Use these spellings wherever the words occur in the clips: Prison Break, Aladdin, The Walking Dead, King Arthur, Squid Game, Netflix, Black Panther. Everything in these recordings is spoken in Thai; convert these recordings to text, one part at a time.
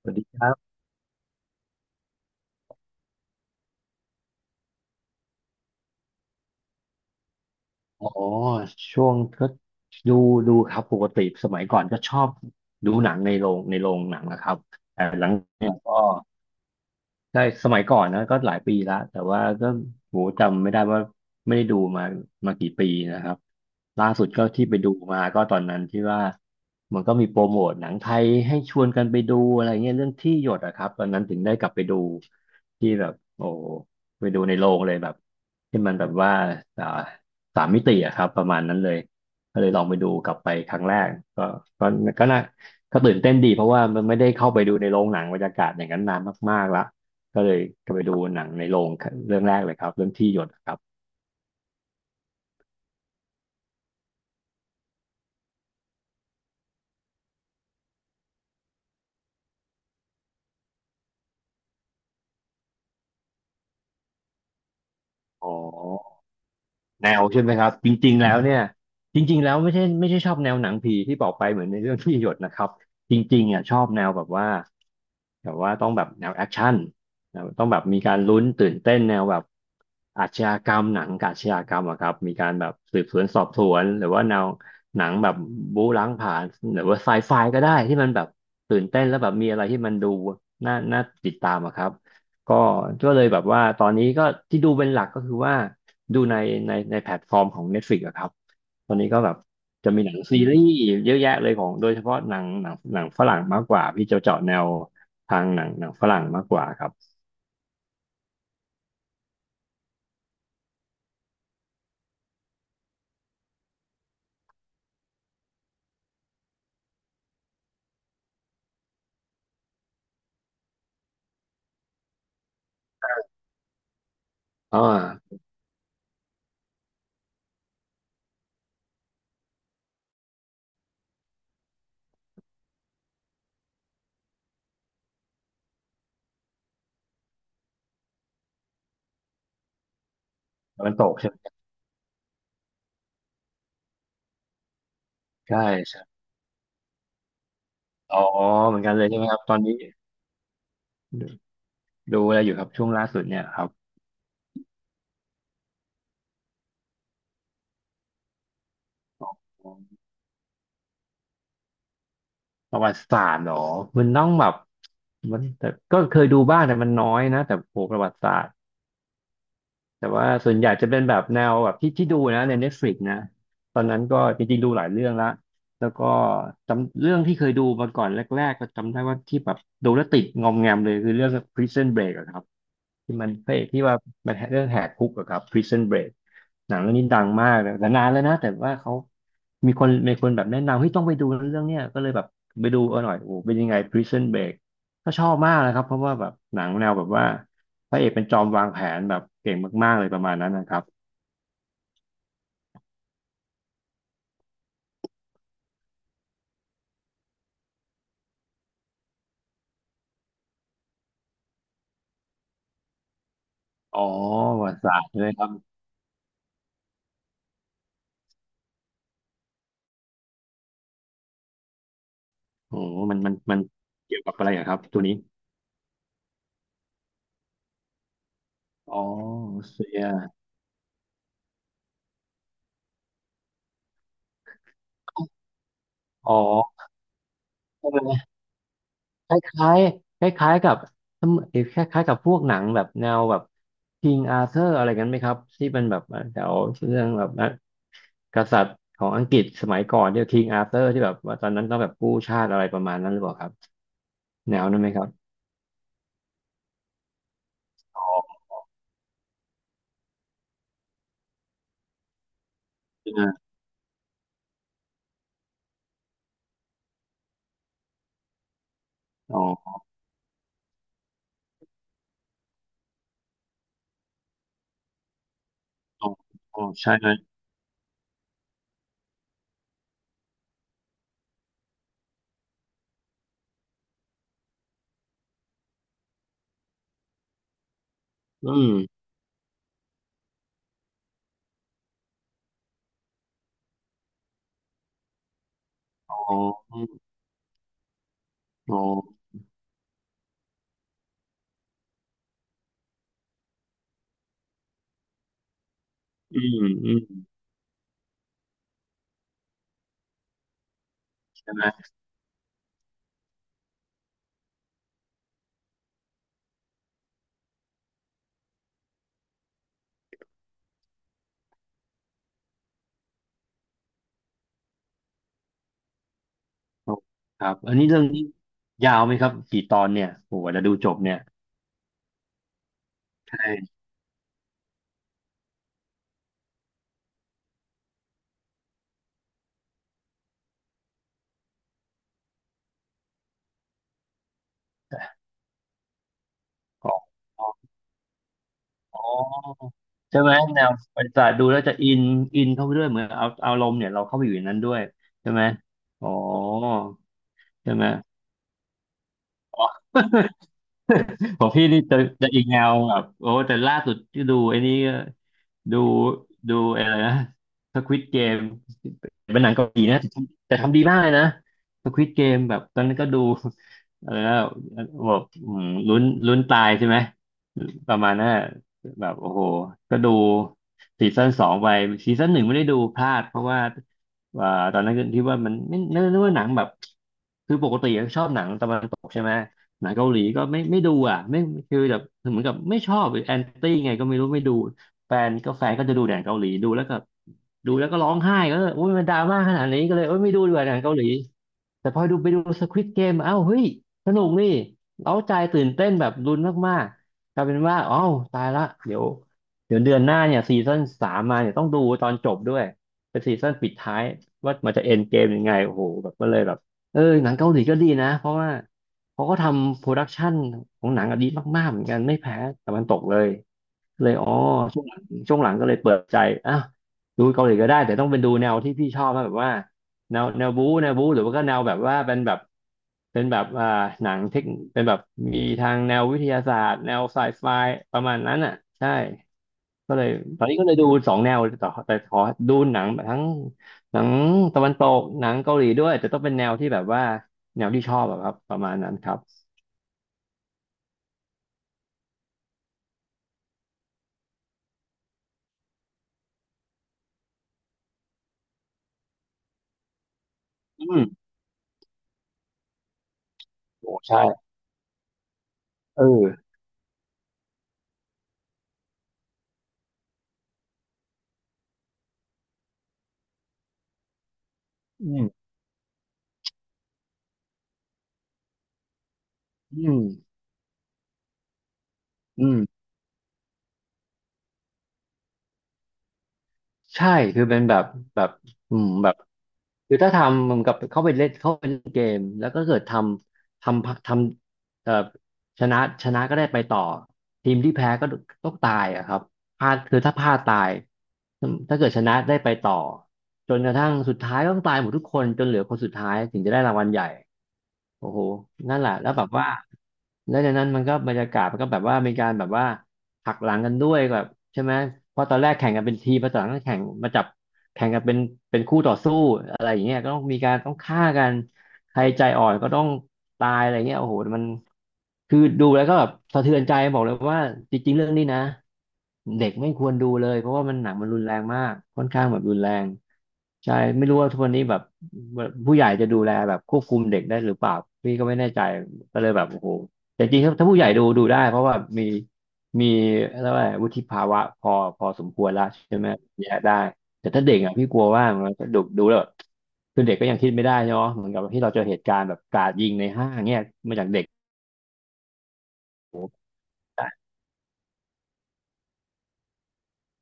สวัสดีครับอ๋อช่วงก็ดูดูครับปกติสมัยก่อนก็ชอบดูหนังในโรงหนังนะครับแต่หลังเนี่ยก็ ใช่สมัยก่อนนะก็หลายปีละแต่ว่าก็โหจำไม่ได้ว่าไม่ได้ดูมามากี่ปีนะครับล่าสุดก็ที่ไปดูมาก็ตอนนั้นที่ว่ามันก็มีโปรโมทหนังไทยให้ชวนกันไปดูอะไรเงี้ยเรื่องที่หยดอะครับตอนนั้นถึงได้กลับไปดูที่แบบโอ้ไปดูในโรงเลยแบบที่มันแบบว่าอ่าสามมิติอะครับประมาณนั้นเลยก็เลยลองไปดูกลับไปครั้งแรกก็ก็ก็น่าก็ตื่นเต้นดีเพราะว่ามันไม่ได้เข้าไปดูในโรงหนังบรรยากาศอย่างนั้นนานมากๆละ ก็เลยก็ไปดูหนังในโรงเรื่องแรกเลยครับเรื่องที่หยดครับอ๋อแนวใช่ไหมครับจริงๆแล้วเนี่ยจริงๆแล้วไม่ใช่ชอบแนวหนังผีที่บอกไปเหมือนในเรื่องที่หยดนะครับจริงๆอ่ะชอบแนวแบบว่าแบบว่าต้องแบบแนวแอคชั่นแนวต้องแบบมีการลุ้นตื่นเต้นแนวแบบอาชญากรรมหนังอาชญากรรมอะครับมีการแบบสืบสวนสอบสวนหรือว่าแนวหนังแบบบู๊ล้างผลาญหรือว่าไซไฟก็ได้ที่มันแบบตื่นเต้นแล้วแบบมีอะไรที่มันดูน่าติดตามอะครับ ก็ก็เลยแบบว่าตอนนี้ก็ที่ดูเป็นหลักก็คือว่าดูในแพลตฟอร์มของ Netflix อะครับตอนนี้ก็แบบจะมีหนังซีรีส์เยอะแยะเลยของโดยเฉพาะหนังฝรั่งมากกว่าพี่จะเจาะแนวทางหนังฝรั่งมากกว่าครับอ่าตะวันตกใช่ไหมใช่ใช่อ๋อเหมือนกันเลยใช่ไหมครับตอนนี้ดูดูอะไรอยู่ครับช่วงล่าสุดเนี่ยครับประวัติศาสตร์เหรอมันต้องแบบมันแต่ก็เคยดูบ้างแต่มันน้อยนะแต่โหประวัติศาสตร์ แต่ว่าส่วนใหญ่จะเป็นแบบแนวแบบที่ดูนะใน Netflix นะตอนนั้นก็จริงๆดูหลายเรื่องละแล้วก็จำเรื่องที่เคยดูมาก่อนแรกๆก็จำได้ว่าที่แบบดูแล้วติดงอมแงมเลยคือเรื่อง Prison Break อะครับที่มันพระเอกที่ว่ามันเรื่องแหกคุกอะครับ Prison Break หนังเรื่องนี้ดังมากนะแต่นานแล้วนะแต่ว่าเขามีคนแบบแนะนำให้ยต้องไปดูเรื่องเนี้ยก็เลยแบบไปดูเอาหน่อยโอ้โหเป็นยังไง Prison Break ก็ชอบมากนะครับเพราะว่าแบบหนังแนวแบบว่า พระเอกเป็นจอมวางแผนแบบเก่งมากๆเลยประมาณนั้นนะครับอ๋อประวัติศาสตร์ด้วยครับโอ้มันเกี่ยวกับอะไรอะครับตัวนี้อ๋อรัสเซียอ๋อเออคล้ายคล้ายๆกับเอ่คล้ายๆกับพวกหนังแบบแนวแบบ King Arthur อะไรกันไหมครับที่เป็นแบบแถวเรื่องแบบนะกษัตริย์ของอังกฤษสมัยก่อนที่ย King Arthur ที่แบบว่าตอนนั้นต้องแบบกู้ชาติอะไรประมาณนั้นหรือเปล่าครับแนวนั้นไหมครับอ๋ออ๋ออ๋อใช่ไหมอืม อ๋ออ๋ออืมใช่ไหมโอ้ครับอันนี้เรื่องนี้ยาวไหมครับกี่ตอนเนี่ยโอ้โหจะดูจบเนี่ยใช่อ๋ออ๋อใช่ไหมแนวบริษัทดูแล้วจะอินอินเข้าไปด้วยเหมือนเอาอารมณ์เนี่ยเราเข้าไปอยู่ในนั้นด้วยใช่ไหมอ๋อใช่ไหม ของพี่นี่จะอีกแนวแบบโอ้แต่ล่าสุดที่ดูไอ้นี่ก็ดูอะไรนะสควิดเกม เป็นหนังเกาหลีนะแต่ทำแต่ทำดีมากเลยนะสควิดเกมแบบตอนนั้นก็ดู อะไรนะแบบอืมลุ้นตายใช่ไหมประมาณนั้นอะแบบโอ้โหก็ดูซีซั่นสองไปซีซั่นหนึ่งไม่ได้ดูพลาดเพราะว่าตอนนั้นก็ที่ว่ามันไม่นึกว่าหนังแบบคือปกติชอบหนังตะวันตกใช่ไหมหนังเกาหลีก็ไม่ดูอ่ะไม่คือแบบเหมือนกับไม่ชอบแอนตี้ไงก็ไม่รู้ไม่ดูแฟนก็จะดูหนังเกาหลีดูแล้วก็ ดูแล้วก็ร้องไห้ก็โอ้ยมันดราม่าขนาดนี้ก็เลยโอ้ยไม่ดูดีกว่าหนังเกาหลี แต่พอดูไปดูสควิดเกมอ้าวเฮ้ยสนุกนี่เร้าใจตื่นเต้นแบบลุ้นมากๆกลายเป็นว่า อ้าวตายละเดี๋ยวเดือนหน้าเนี่ยซีซั่นสามมาเนี่ยต้องดูตอนจบด้วย เป็นซีซั่นปิดท้ายว่ามันจะเอ็นเกมยังไงโอ้โหแบบก็เลยแบบเออหนังเกาหลีก็ดีนะเพราะว่าเขาก็ทำโปรดักชันของหนังอะดีมากๆเหมือนกันไม่แพ้ตะวันตกเลย เลยอ๋อช่วงหลังช่วงหลังก็เลยเปิดใจอ่ะดูเกาหลีก็ได้แต่ต้องเป็นดูแนวที่พี่ชอบนะแบบว่าแนวแนวบู๊หรือว่าก็แนวแบบว่าเป็นแบบเป็นแบบหนังเทคเป็นแบบมีทางแนววิทยาศาสตร์แนวไซไฟประมาณนั้นอ่ะใช่ก็เลยตอนนี้ก็เลยดูสองแนวแต่ขอดูหนังทั้งหนังตะวันตกหนังเกาหลีด้วยแต่ต้องเป็นแนวที่แบบว่าแนวที่ชอบอะครับประมาณนั้นครับอืมโอ้ใช่เอออืมอืมอืม ใช่คือเป็นแบบแบบอืมแบบคือถ้าทำมันกับเข้าไปเล่นเกมแล้วก็เกิดทำทำทำเอ่อชนะก็ได้ไปต่อทีมที่แพ้ก็ต้องตายอะครับพลาดคือถ้าพลาดตายถ้าเกิดชนะได้ไปต่อจนกระทั่งสุดท้ายก็ต้องตายหมดทุกคนจนเหลือคนสุดท้ายถึงจะได้รางวัลใหญ่ โอ้โห นั่นแหละแล้วแบบว่าแล้วจากนั้นมันก็บรรยากาศมันก็แบบว่ามีการแบบว่าหักหลังกันด้วยแบบใช่ไหมเพราะตอนแรกแข่งกันเป็นทีมพอตอนหลังก็แข่งมาจับแข่งกันเป็นเป็นคู่ต่อสู้อะไรอย่างเงี้ยก็ต้องมีการต้องฆ่ากันใครใจอ่อนก็ต้องตายอะไรเงี้ยโอ้โหมันคือดูแล้วก็แบบสะเทือนใจบอกเลยว่าจริงๆเรื่องนี้นะเด็กไม่ควรดูเลยเพราะว่ามันหนังมันรุนแรงมากค่อนข้างแบบรุนแรง ใช่ไม่รู้ว่าทุกวันนี้แบบผู้ใหญ่จะดูแลแบบควบคุมเด็กได้หรือเปล่าพี่ก็ไม่แน่ใจก็เลยแบบโอ้โหแต่จริงๆถ้าผู้ใหญ่ดูได้เพราะว่ามีอะไรยกว่าวุฒิภาวะพอสมควรแล้วใช่ไหมแยกได้แต่ถ้าเด็กอ่ะพี่กลัวว่ามันจะดูแล้วแบบคือเด็กก็ยังคิดไม่ได้เนาะเหมือนกับที่เราเจอเหตุการณ์แบบกราดยิงในห้างเนี่ยมาจากเด็กได้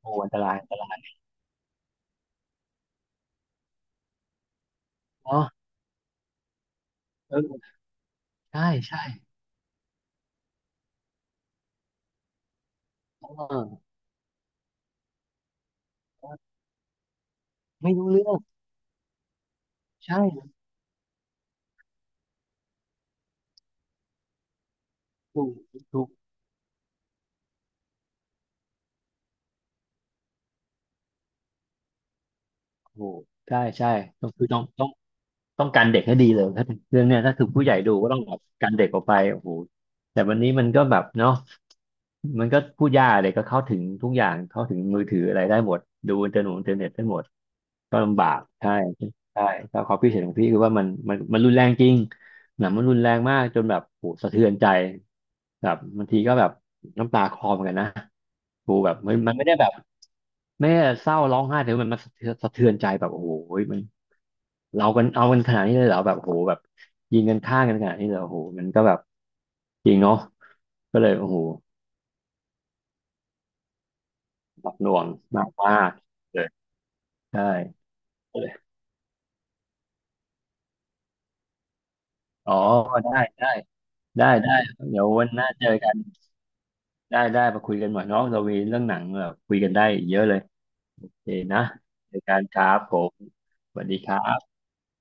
โอ้อันตรายอันตรายเนาะเออใช่ใช่เออไม่รู้เรื่องใช่ถูกถูก โอ้ใช่ใช่ต้องคือต้องการเด็กให้ดีเลยถ้าเรื่องเนี้ยถ้าถึงผู้ใหญ่ดูก็ต้องแบบการเด็กออกไปโอ้โหแต่วันนี้มันก็แบบเนาะมันก็พูดยากเลยก็เข้าถึงทุกอย่างเข้าถึงมือถืออะไรได้หมดดูอินเทอร์เน็ตอินเทอร์เน็ตได้หมดก็ลำบากใช่ใช่แล้วความคิดเห็นของพี่คือว่ามันรุนแรงจริงหนังมันรุนแรงมากจนแบบโหสะเทือนใจแบบบางทีก็แบบน้ำตาคลอเหมอนกันนะโหแบบมันไม่ได้แบบไม่ได้เศร้าร้องไห้แต่ว่ามันสะเทือนใจแบบโอ้โหมัน เรากันเอากันขนาดนี้เลยเหรอแบบโหแบบยิงกันฆ่ากันขนาดนี้เลยเหรอโหมันก็แบบจริงเนาะก็เลยโอ้โหหนักหน่วงหนักมากเลยใช่ก็เลยอ๋อได้ได้ได้ได้เดี๋ยววันหน้าเจอกันได้ได้มาคุยกันหน่อยเนาะเรามีเรื่องหนังแบบคุยกันได้เยอะเลยโอเคนะเจอกันครับผมสวัสดีครับ